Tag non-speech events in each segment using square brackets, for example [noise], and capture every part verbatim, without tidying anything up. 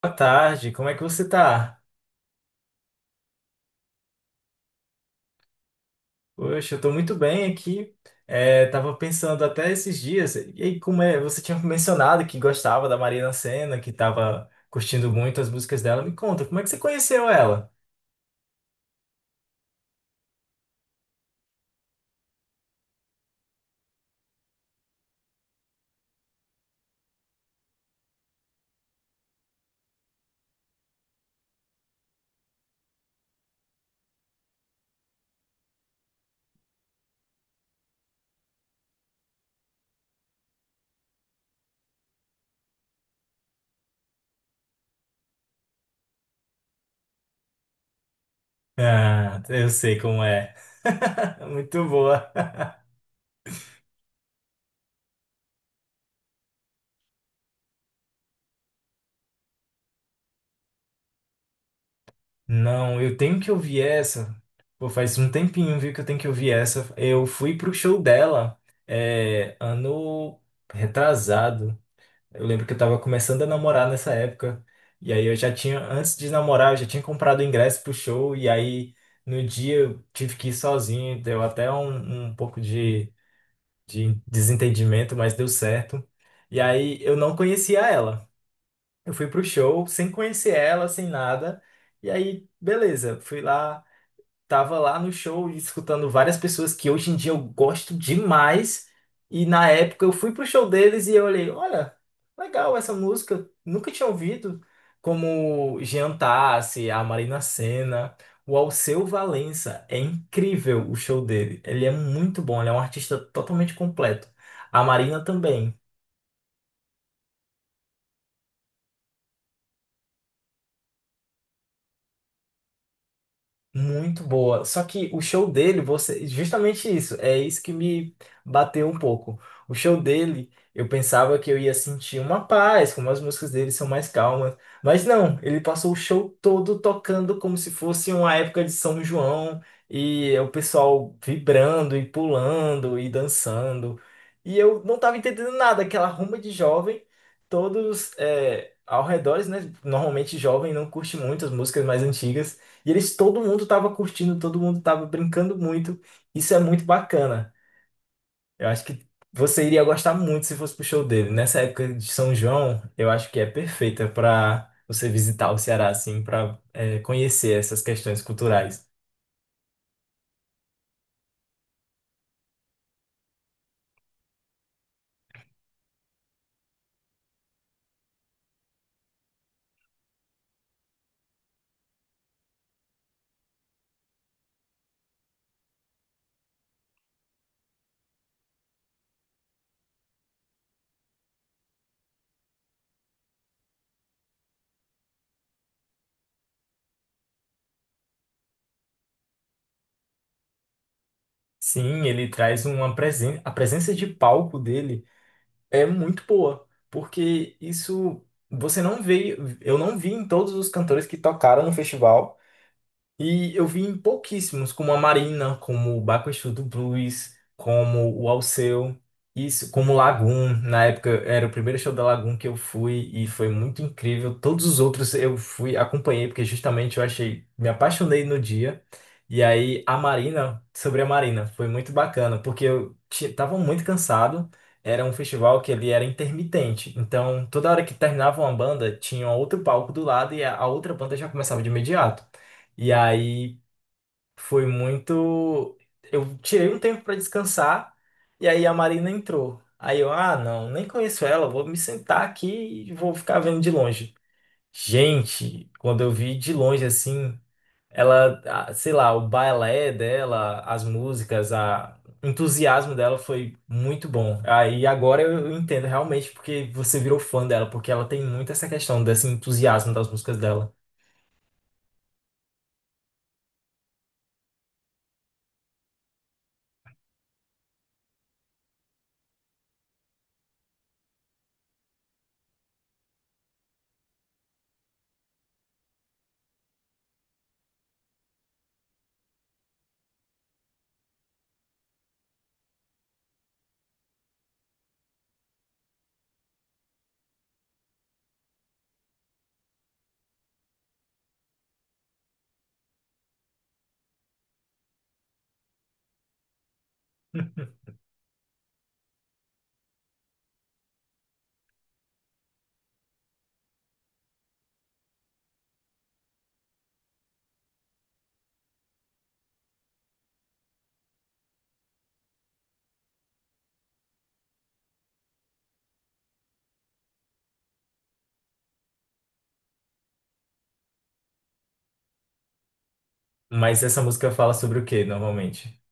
Boa tarde, como é que você tá? Poxa, eu tô muito bem aqui. É, tava pensando até esses dias, e aí como é, você tinha mencionado que gostava da Marina Sena, que tava curtindo muito as músicas dela. Me conta, como é que você conheceu ela? Ah, eu sei como é. [laughs] Muito boa. Não, eu tenho que ouvir essa. Pô, faz um tempinho, viu, que eu tenho que ouvir essa. Eu fui pro show dela, é, ano retrasado. Eu lembro que eu tava começando a namorar nessa época. E aí eu já tinha, antes de namorar, eu já tinha comprado o ingresso pro show. E aí no dia eu tive que ir sozinho. Deu até um, um pouco de, de desentendimento, mas deu certo. E aí eu não conhecia ela. Eu fui pro show sem conhecer ela, sem nada. E aí, beleza, fui lá. Tava lá no show escutando várias pessoas que hoje em dia eu gosto demais. E na época eu fui pro show deles e eu olhei, olha, legal essa música, nunca tinha ouvido. Como Jean Tassi, a Marina Sena, o Alceu Valença. É incrível o show dele. Ele é muito bom, ele é um artista totalmente completo. A Marina também. Muito boa. Só que o show dele, você, justamente isso, é isso que me bateu um pouco. O show dele, eu pensava que eu ia sentir uma paz, como as músicas dele são mais calmas, mas não, ele passou o show todo tocando como se fosse uma época de São João e é o pessoal vibrando e pulando e dançando. E eu não tava entendendo nada, aquela rumba de jovem, todos é, ao redor, né? Normalmente jovem não curte muito as músicas mais antigas. E eles, todo mundo tava curtindo, todo mundo tava brincando muito. Isso é muito bacana. Eu acho que você iria gostar muito se fosse pro show dele. Nessa época de São João, eu acho que é perfeita para você visitar o Ceará, assim, para conhecer essas questões culturais. Sim, ele traz uma presença. A presença de palco dele é muito boa, porque isso você não vê. Eu não vi em todos os cantores que tocaram no festival. E eu vi em pouquíssimos, como a Marina, como o Bakushu do Blues, como o Alceu, isso, como o Lagoon. Na época era o primeiro show da Lagoon que eu fui e foi muito incrível. Todos os outros eu fui, acompanhei, porque justamente eu achei, me apaixonei no dia. E aí a Marina, sobre a Marina, foi muito bacana, porque eu ti- tava muito cansado. Era um festival que ele era intermitente, então toda hora que terminava uma banda, tinha outro palco do lado e a a outra banda já começava de imediato. E aí foi muito. Eu tirei um tempo para descansar e aí a Marina entrou. Aí eu, ah, não, nem conheço ela, vou me sentar aqui e vou ficar vendo de longe. Gente, quando eu vi de longe assim, ela, ah, sei lá, o balé dela, as músicas, a o entusiasmo dela foi muito bom. Aí agora eu eu entendo realmente porque você virou fã dela, porque ela tem muito essa questão desse entusiasmo das músicas dela. [laughs] Mas essa música fala sobre o quê, normalmente?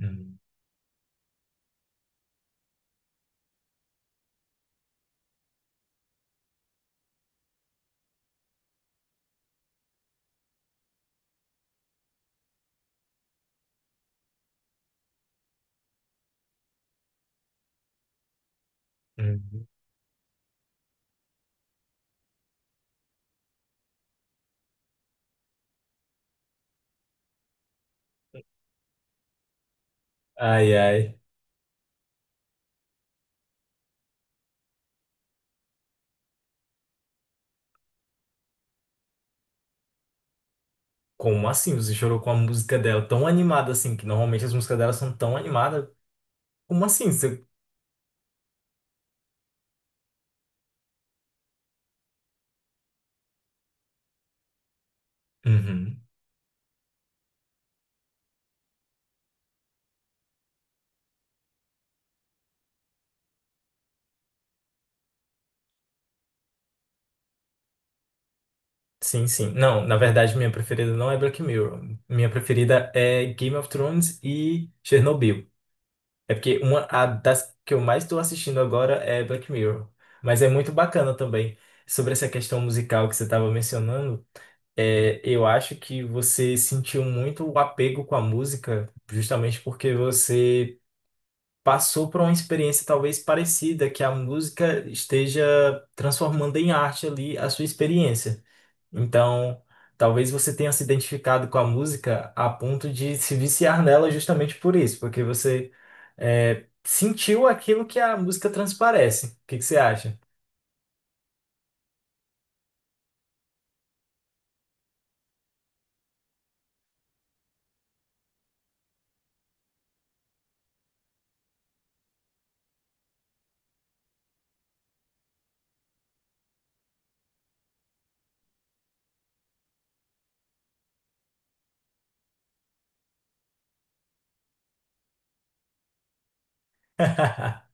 Hum, hum. Ai, ai. Como assim? Você chorou com a música dela tão animada assim, que normalmente as músicas dela são tão animadas. Como assim? Você... Uhum. Sim, sim. Não, na verdade, minha preferida não é Black Mirror. Minha preferida é Game of Thrones e Chernobyl. É porque uma a das que eu mais estou assistindo agora é Black Mirror. Mas é muito bacana também. Sobre essa questão musical que você estava mencionando, é, eu acho que você sentiu muito o apego com a música, justamente porque você passou por uma experiência talvez parecida, que a música esteja transformando em arte ali a sua experiência. Então, talvez você tenha se identificado com a música a ponto de se viciar nela justamente por isso, porque você eh, sentiu aquilo que a música transparece. O que que você acha? [laughs]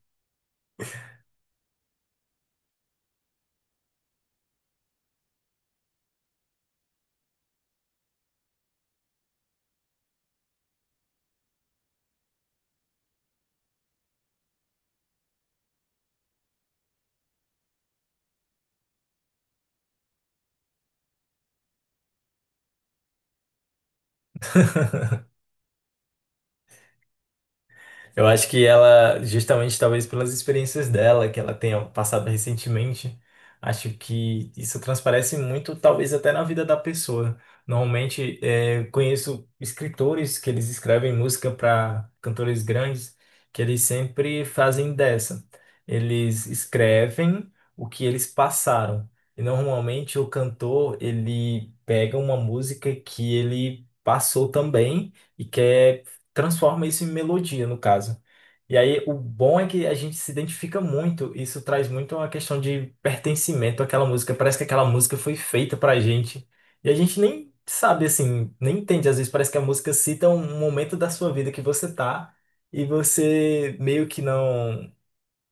Eu acho que ela, justamente talvez pelas experiências dela, que ela tenha passado recentemente, acho que isso transparece muito, talvez até na vida da pessoa. Normalmente, eh, conheço escritores que eles escrevem música para cantores grandes, que eles sempre fazem dessa. Eles escrevem o que eles passaram. E normalmente o cantor, ele pega uma música que ele passou também e quer transforma isso em melodia, no caso. E aí, o bom é que a gente se identifica muito. Isso traz muito uma questão de pertencimento àquela música. Parece que aquela música foi feita pra gente. E a gente nem sabe, assim, nem entende. Às vezes parece que a música cita um momento da sua vida que você tá e você meio que não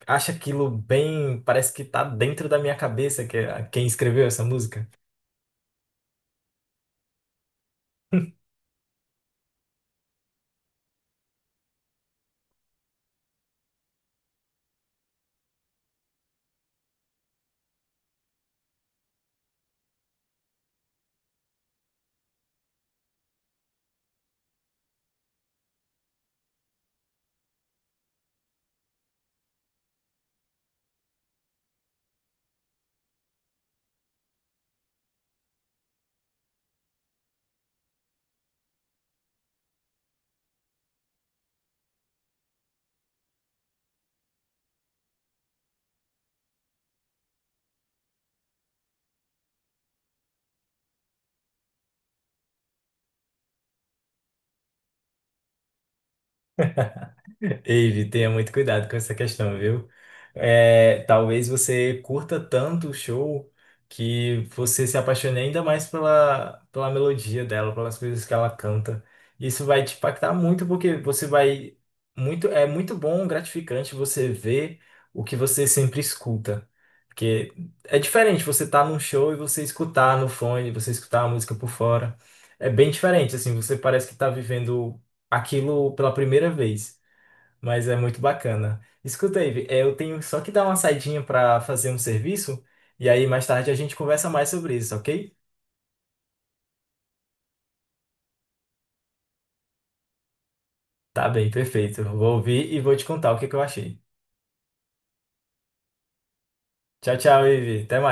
acha aquilo bem. Parece que tá dentro da minha cabeça, que é quem escreveu essa música. Eve, tenha muito cuidado com essa questão, viu? É, talvez você curta tanto o show que você se apaixone ainda mais pela, pela melodia dela, pelas coisas que ela canta. Isso vai te impactar muito, porque você vai muito, é muito bom, gratificante você ver o que você sempre escuta. Porque é diferente você estar num show e você escutar no fone, você escutar a música por fora. É bem diferente, assim, você parece que está vivendo aquilo pela primeira vez. Mas é muito bacana. Escuta, Ivy, é, eu tenho só que dar uma saidinha para fazer um serviço e aí mais tarde a gente conversa mais sobre isso, ok? Tá bem, perfeito. Vou ouvir e vou te contar o que que eu achei. Tchau, tchau, Ivy. Até